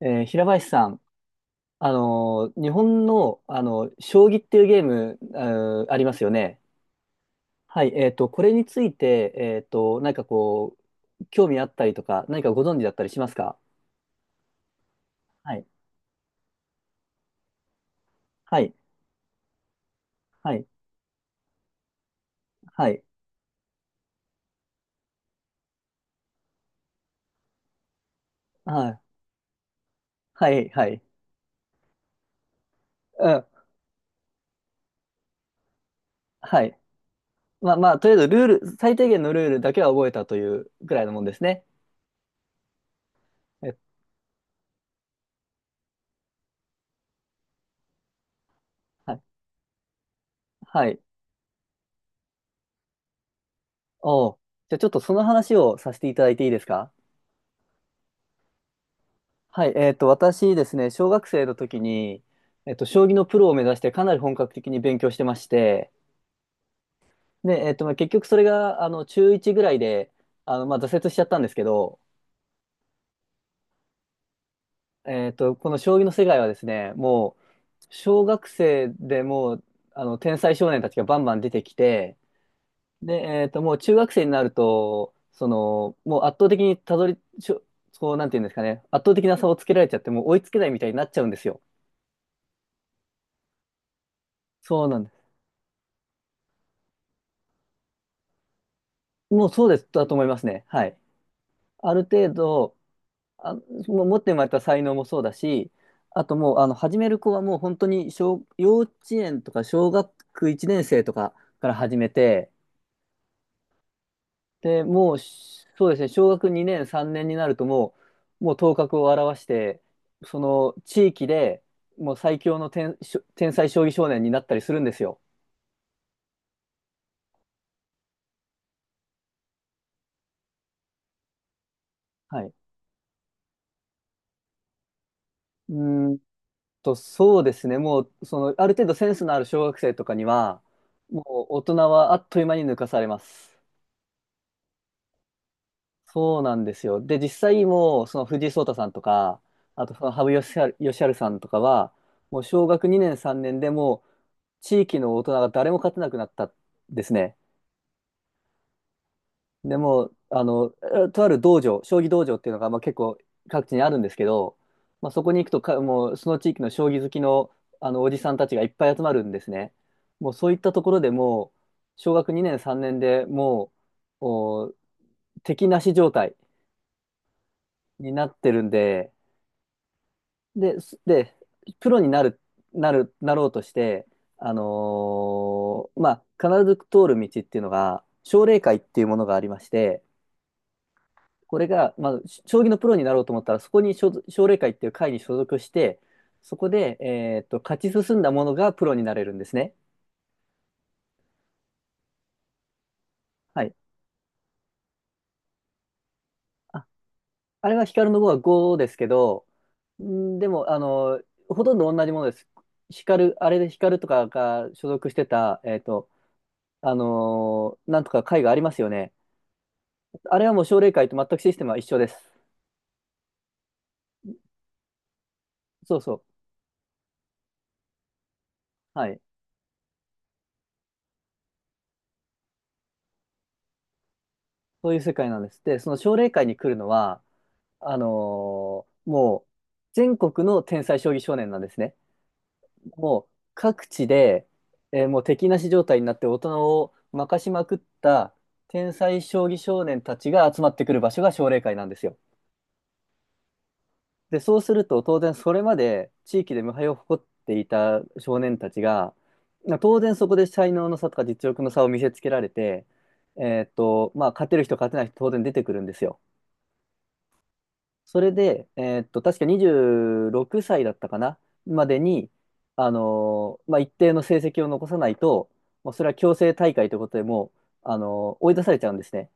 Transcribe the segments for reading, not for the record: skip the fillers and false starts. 平林さん、日本の、あの将棋っていうゲーム、ありますよね。はい、これについて、何かこう、興味あったりとか、何かご存知だったりしますか？はい、はい、はい、はい、はい、はい、はい、うん、はい。まあまあ、とりあえずルール、最低限のルールだけは覚えたというぐらいのもんですね。え、はい、はい。おう、じゃあちょっとその話をさせていただいていいですか？はい、私ですね、小学生の時に、将棋のプロを目指してかなり本格的に勉強してまして、で、えっと、まあ、結局それが、あの、中1ぐらいで、あの、まあ、挫折しちゃったんですけど、この将棋の世界はですね、もう、小学生でもう、あの、天才少年たちがバンバン出てきて、で、えっと、もう中学生になると、その、もう圧倒的にたどり、しょこう、なんていうんですかね、圧倒的な差をつけられちゃって、もう追いつけないみたいになっちゃうんですよ。そうなんです。もうそうです、だと思いますね。はい。ある程度、あ、もう持って生まれた才能もそうだし、あともう、あの、始める子はもう本当に幼稚園とか小学1年生とかから始めて、で、もう、そうですね、小学2年、3年になるともう頭角を現して、その地域でもう最強の天、天才将棋少年になったりするんですよ。はい。うん、と、そうですね。もう、その、ある程度センスのある小学生とかには、もう大人はあっという間に抜かされます。そうなんですよ。で、実際もう、その藤井聡太さんとか、あと羽生善治さんとかは、もう小学2年3年でもう、地域の大人が誰も勝てなくなったんですね。でも、あの、とある道場、将棋道場っていうのが、まあ、結構各地にあるんですけど、まあ、そこに行くとか、もうその地域の将棋好きの、あのおじさんたちがいっぱい集まるんですね。もうそういったところでもう、小学2年、3年でもう、敵なし状態になってるんで、で、すで、プロになる、なる、なろうとして、まあ、必ず通る道っていうのが、奨励会っていうものがありまして、これが、まあ、将棋のプロになろうと思ったら、そこに所属奨励会っていう会に所属して、そこで、勝ち進んだものがプロになれるんですね。はい。あ、あれは光の碁は5ですけど、んでも、あの、ほとんど同じものです。光、あれで光とかが所属してた、なんとか会がありますよね。あれはもう奨励会と全くシステムは一緒です。そうそう。はい。そういう世界なんです。で、その奨励会に来るのは、もう、全国の天才将棋少年なんですね。もう、各地で、もう敵なし状態になって大人を負かしまくった天才将棋少年たちが集まってくる場所が奨励会なんですよ。で、そうすると当然それまで地域で無敗を誇っていた少年たちが、まあ当然そこで才能の差とか実力の差を見せつけられて、まあ、勝てる人勝てない人当然出てくるんですよ。それで、確か26歳だったかな、までに、まあ、一定の成績を残さないと、もうそれは強制大会ということでもう、追い出されちゃうんですね。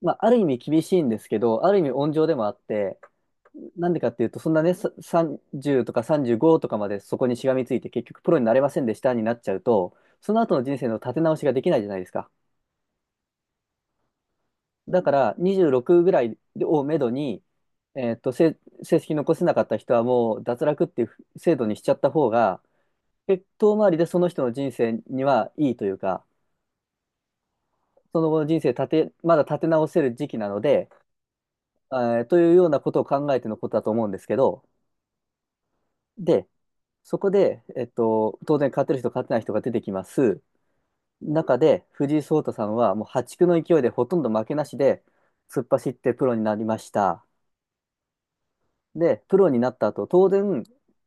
まあ、ある意味厳しいんですけど、ある意味温情でもあって、なんでかっていうと、そんなね、30とか35とかまでそこにしがみついて、結局プロになれませんでしたになっちゃうと、その後の人生の立て直しができないじゃないですか。だから26ぐらいをめどに、えーっと、せ成績残せなかった人はもう脱落っていう制度にしちゃった方が、遠回りでその人の人生にはいいというか、その後の人生立て、まだ立て直せる時期なので、というようなことを考えてのことだと思うんですけど、で、そこで、当然勝てる人勝てない人が出てきます。中で藤井聡太さんはもう破竹の勢いでほとんど負けなしで突っ走ってプロになりました。で、プロになった後、当然、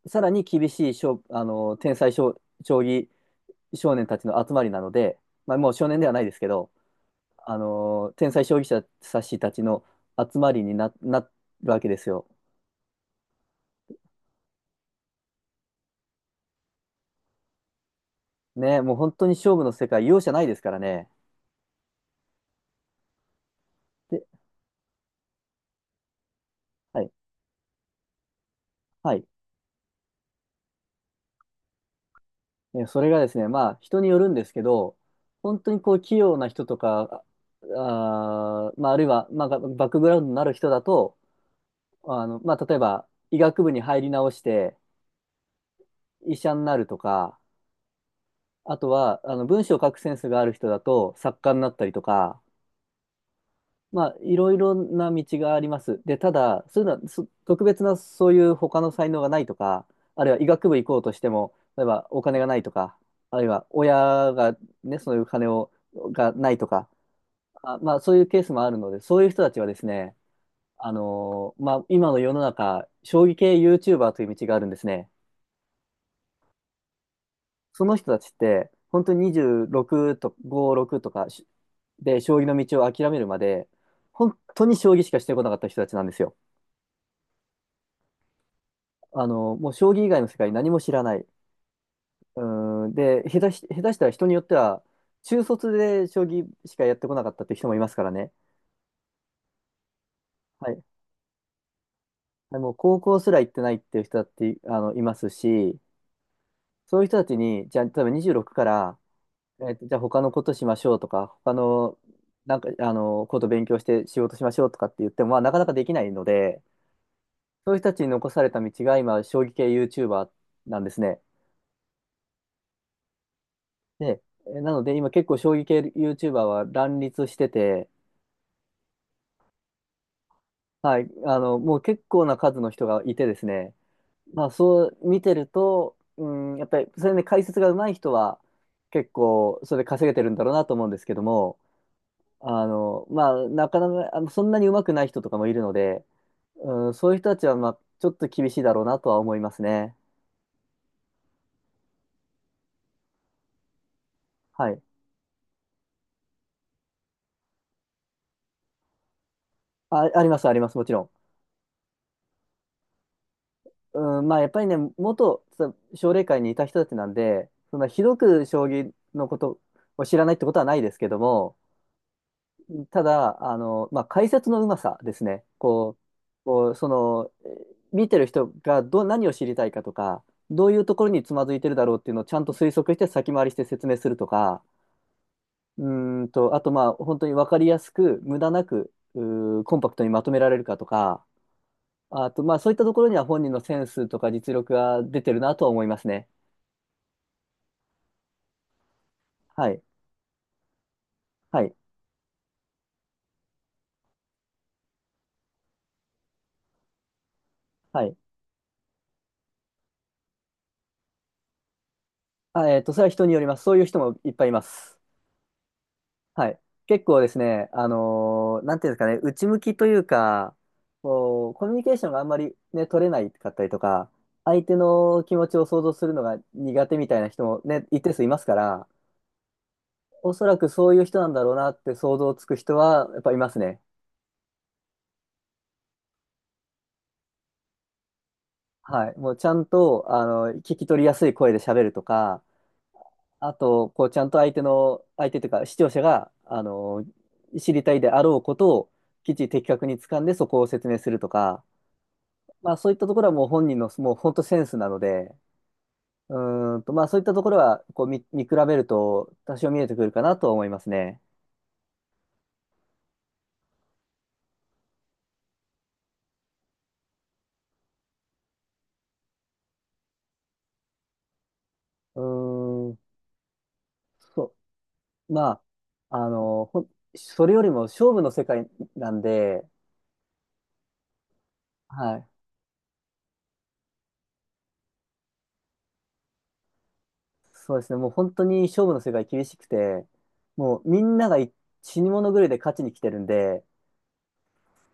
さらに厳しい、あの、天才将、将棋少年たちの集まりなので、まあ、もう少年ではないですけど、あの、天才将棋者さしたちの集まりにな、なるわけですよ。ね、もう本当に勝負の世界、容赦ないですからね。で、はい、はい。それがですね、まあ、人によるんですけど、本当にこう、器用な人とか、まあ、あるいは、まあ、バックグラウンドのある人だと、あの、まあ、例えば、医学部に入り直して、医者になるとか、あとは、あの、文章を書くセンスがある人だと作家になったりとか、まあ、いろいろな道があります。で、ただ、そういうのは、特別なそういう他の才能がないとか、あるいは医学部行こうとしても、例えばお金がないとか、あるいは親がね、そういう金を、がないとか、まあ、そういうケースもあるので、そういう人たちはですね、まあ、今の世の中、将棋系 YouTuber という道があるんですね。その人たちって、本当に26と5、6とかで、将棋の道を諦めるまで、本当に将棋しかしてこなかった人たちなんですよ。あの、もう将棋以外の世界何も知らない。うーん、で、下手したら人によっては、中卒で将棋しかやってこなかったっていう人もいますからね。はい。でもう高校すら行ってないっていう人だって、あの、いますし、そういう人たちに、じゃあ、例えば26からじゃあ他のことしましょうとか、他の、なんか、あの、こと勉強して仕事しましょうとかって言っても、まあ、なかなかできないので、そういう人たちに残された道が今、将棋系 YouTuber なんですね。で、なので今結構将棋系 YouTuber は乱立してて、はい、あの、もう結構な数の人がいてですね、まあ、そう見てると、うん、やっぱり、それで解説が上手い人は、結構、それで稼げてるんだろうなと思うんですけども、あの、まあ、なかなか、あの、そんなに上手くない人とかもいるので、うん、そういう人たちは、まあ、ちょっと厳しいだろうなとは思いますね。はい。あ、あります、あります、もちろん。うん、まあ、やっぱりね、元奨励会にいた人たちなんで、そんなひどく将棋のことを知らないってことはないですけども、ただ、あの、まあ、解説のうまさですね。こう、その、見てる人がど、何を知りたいかとか、どういうところにつまずいてるだろうっていうのをちゃんと推測して先回りして説明するとか、うーんと、あとまあ、本当に分かりやすく、無駄なく、コンパクトにまとめられるかとか、あとまあ、そういったところには本人のセンスとか実力が出てるなとは思いますね。はい。はい。はい。あ、それは人によります。そういう人もいっぱいいます。はい。結構ですね、なんていうんですかね、内向きというか、こう、コミュニケーションがあんまりね、取れないかったりとか、相手の気持ちを想像するのが苦手みたいな人もね、一定数いますから、おそらくそういう人なんだろうなって想像つく人はやっぱいますね。はい。もうちゃんと、あの、聞き取りやすい声で喋るとか、あと、こう、ちゃんと相手というか、視聴者が、あの、知りたいであろうことを、きっちり的確に掴んでそこを説明するとか、まあそういったところはもう本人の、もう本当センスなので、うーんと、まあそういったところは、見比べると多少見えてくるかなとは思いますね。うーん、そう。まあ、それよりも勝負の世界なんで、はい。そうですね。もう本当に勝負の世界厳しくて、もうみんなが死に物狂いで勝ちに来てるんで、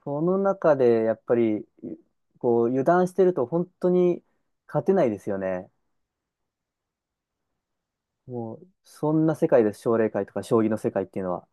その中でやっぱり、こう、油断してると本当に勝てないですよね。もう、そんな世界です。奨励会とか将棋の世界っていうのは。